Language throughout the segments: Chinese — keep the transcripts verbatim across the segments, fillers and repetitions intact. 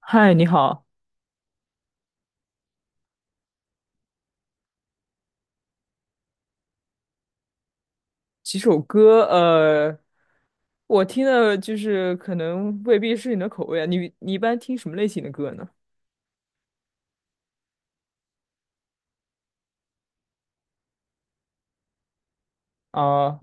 嗨，你好。几首歌，呃，我听的就是可能未必是你的口味啊。你你一般听什么类型的歌呢？啊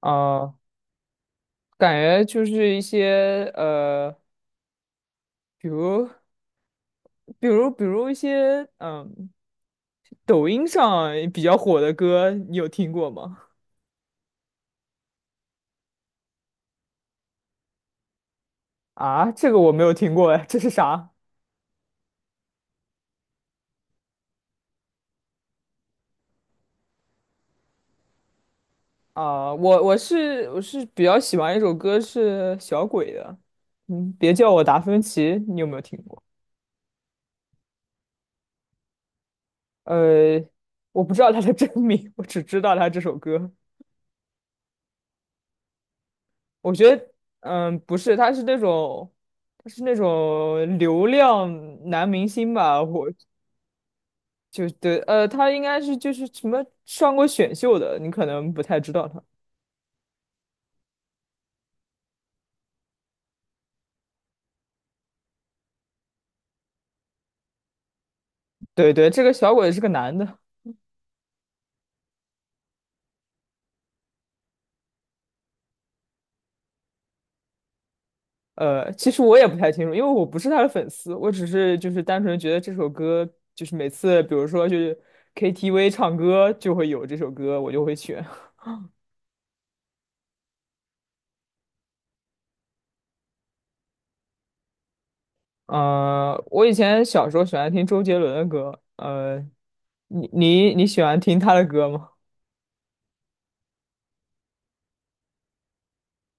啊，感觉就是一些呃，比如比如比如一些嗯，抖音上比较火的歌，你有听过吗？啊，这个我没有听过哎，这是啥？啊，我我是我是比较喜欢一首歌是小鬼的，嗯，别叫我达芬奇，你有没有听过？呃，我不知道他的真名，我只知道他这首歌。我觉得，嗯，不是，他是那种，他是那种流量男明星吧？我就对，呃，他应该是就是什么上过选秀的，你可能不太知道他。对对，这个小鬼是个男的。呃，其实我也不太清楚，因为我不是他的粉丝，我只是就是单纯觉得这首歌，就是每次比如说就是 K T V 唱歌就会有这首歌，我就会选。呃，我以前小时候喜欢听周杰伦的歌，呃，你你你喜欢听他的歌吗？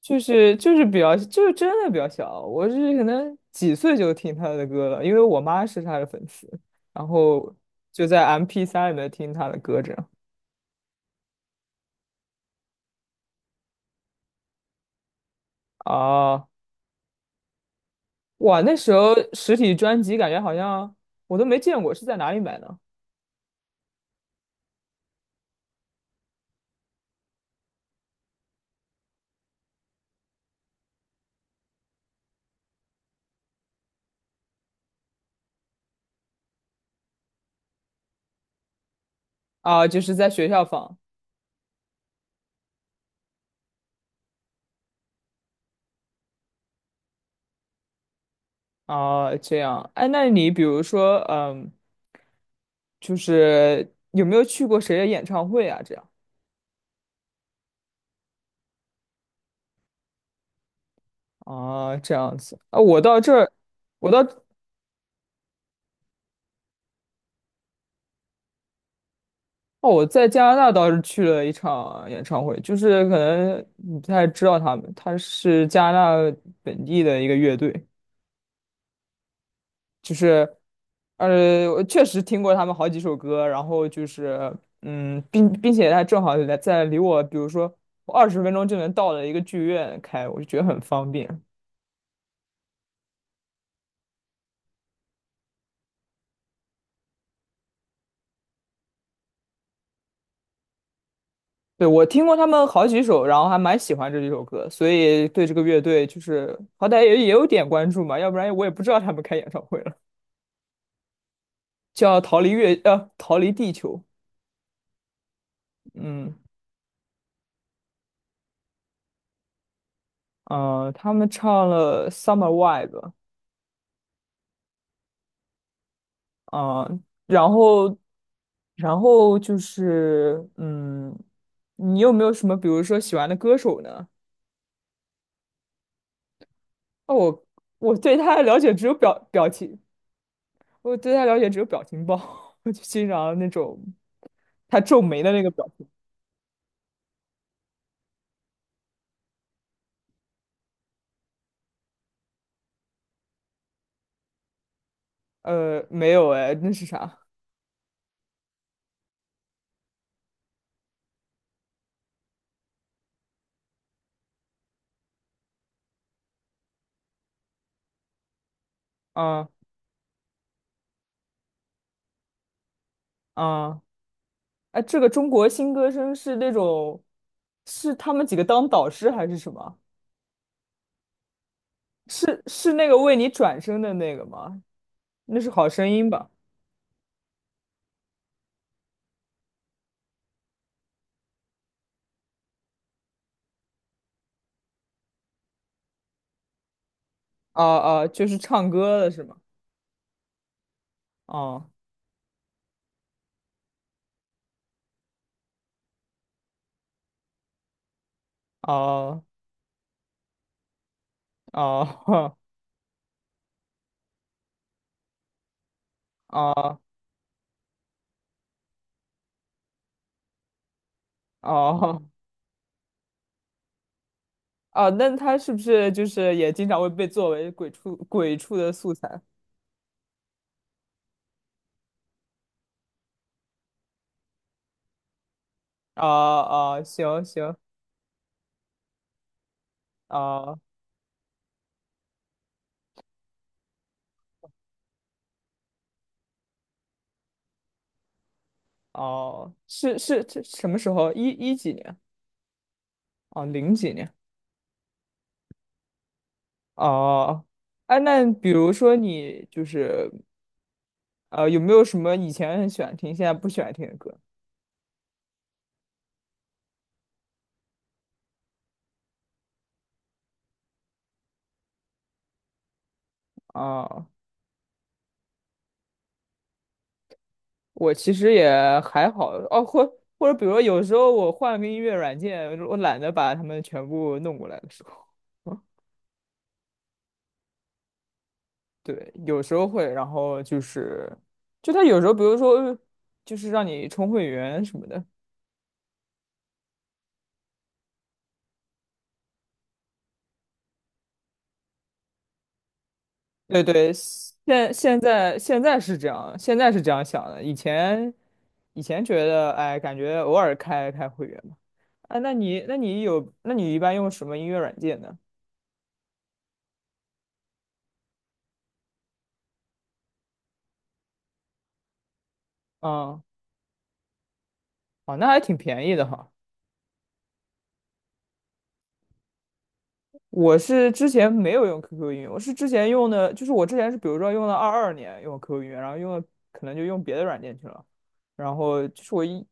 就是就是比较就是真的比较小，我是可能几岁就听他的歌了，因为我妈是他的粉丝，然后就在 m p 三里面听他的歌这样。啊，哇，那时候实体专辑感觉好像我都没见过，是在哪里买的？啊，就是在学校放。啊，这样。哎，那你比如说，嗯，就是有没有去过谁的演唱会啊？这样啊，这样子啊，我到这儿，我到哦，我在加拿大倒是去了一场演唱会，就是可能你不太知道他们，他是加拿大本地的一个乐队，就是呃，我确实听过他们好几首歌，然后就是嗯，并并且他正好在在离我，比如说我二十分钟就能到的一个剧院开，我就觉得很方便。对，我听过他们好几首，然后还蛮喜欢这几首歌，所以对这个乐队就是好歹也也有点关注嘛，要不然我也不知道他们开演唱会了。叫《逃离月》呃，《逃离地球》。嗯，呃，他们唱了《Summer Vibe》，啊，然后然后就是嗯，你有没有什么比如说喜欢的歌手呢？哦，我我对他的了解只有表表情，我对他了解只有表情包，我就欣赏那种他皱眉的那个表情。呃，没有哎，那是啥？啊啊，哎，这个中国新歌声是那种，是他们几个当导师还是什么？是是那个为你转身的那个吗？那是好声音吧？啊啊，就是唱歌的是吗？哦。哦哦 哦哦哦，那他是不是就是也经常会被作为鬼畜鬼畜的素材？啊啊，行行，啊，哦，是是这什么时候？一一几年？哦，零几年。哦，哎，那比如说你就是呃，有没有什么以前很喜欢听，现在不喜欢听的歌？啊？我其实也还好哦，或或者比如说有时候我换个音乐软件，我懒得把它们全部弄过来的时候，对，有时候会，然后就是就他有时候，比如说就是让你充会员什么的，对对，现现在现在是这样，现在是这样想的。以前以前觉得，哎，感觉偶尔开开会员嘛。哎，那你那你有那你一般用什么音乐软件呢？嗯，哦，那还挺便宜的哈。我是之前没有用 Q Q 音乐，我是之前用的，就是我之前是比如说用了二二年用 Q Q 音乐，然后用了可能就用别的软件去了，然后就是我一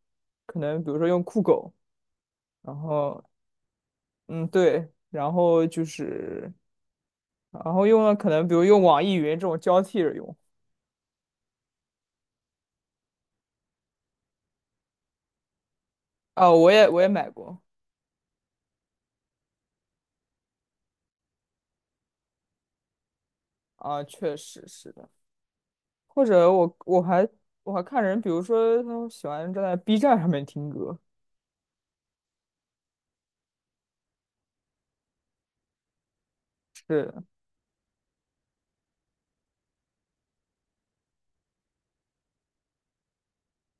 可能比如说用酷狗，然后嗯对，然后就是。然后用了可能比如用网易云这种交替着用。啊，我也我也买过。啊，确实是的。或者我我还我还看人，比如说他们喜欢站在 B 站上面听歌。是的，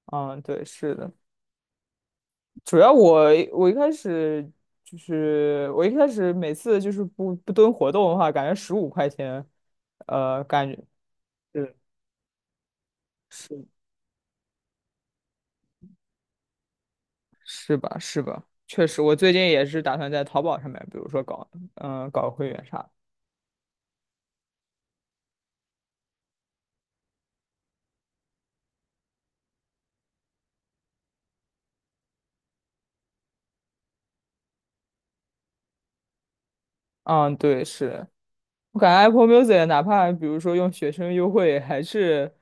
嗯，对，是的。主要我我一开始就是我一开始每次就是不不蹲活动的话，感觉十五块钱，呃，感觉是，是，是吧是吧？确实，我最近也是打算在淘宝上面，比如说搞嗯、呃搞会员啥的。嗯，对，是。我感觉 Apple Music 哪怕比如说用学生优惠，还是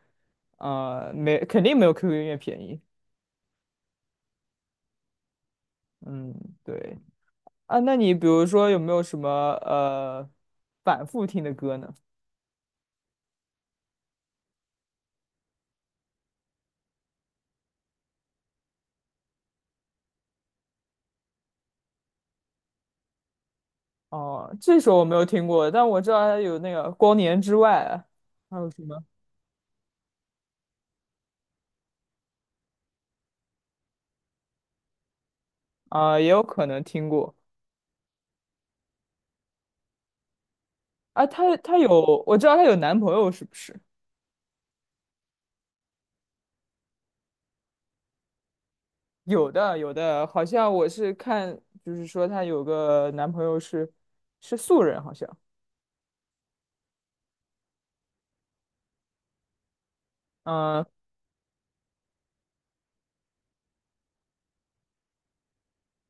呃没，肯定没有 Q Q 音乐便宜。嗯，对，啊，那你比如说有没有什么呃反复听的歌呢？哦，这首我没有听过，但我知道它有那个《光年之外》，还有什么啊、也有可能听过。啊。她她有，我知道她有男朋友是不是？有的有的，好像我是看，就是说她有个男朋友是是素人，好像。嗯，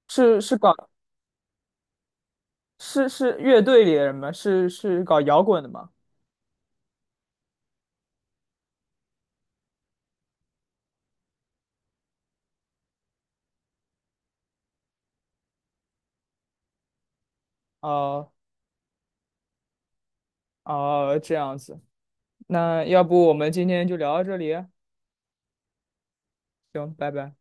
是是搞是是乐队里的人吗？是是搞摇滚的吗？哦，哦，这样子，那要不我们今天就聊到这里啊？行，拜拜。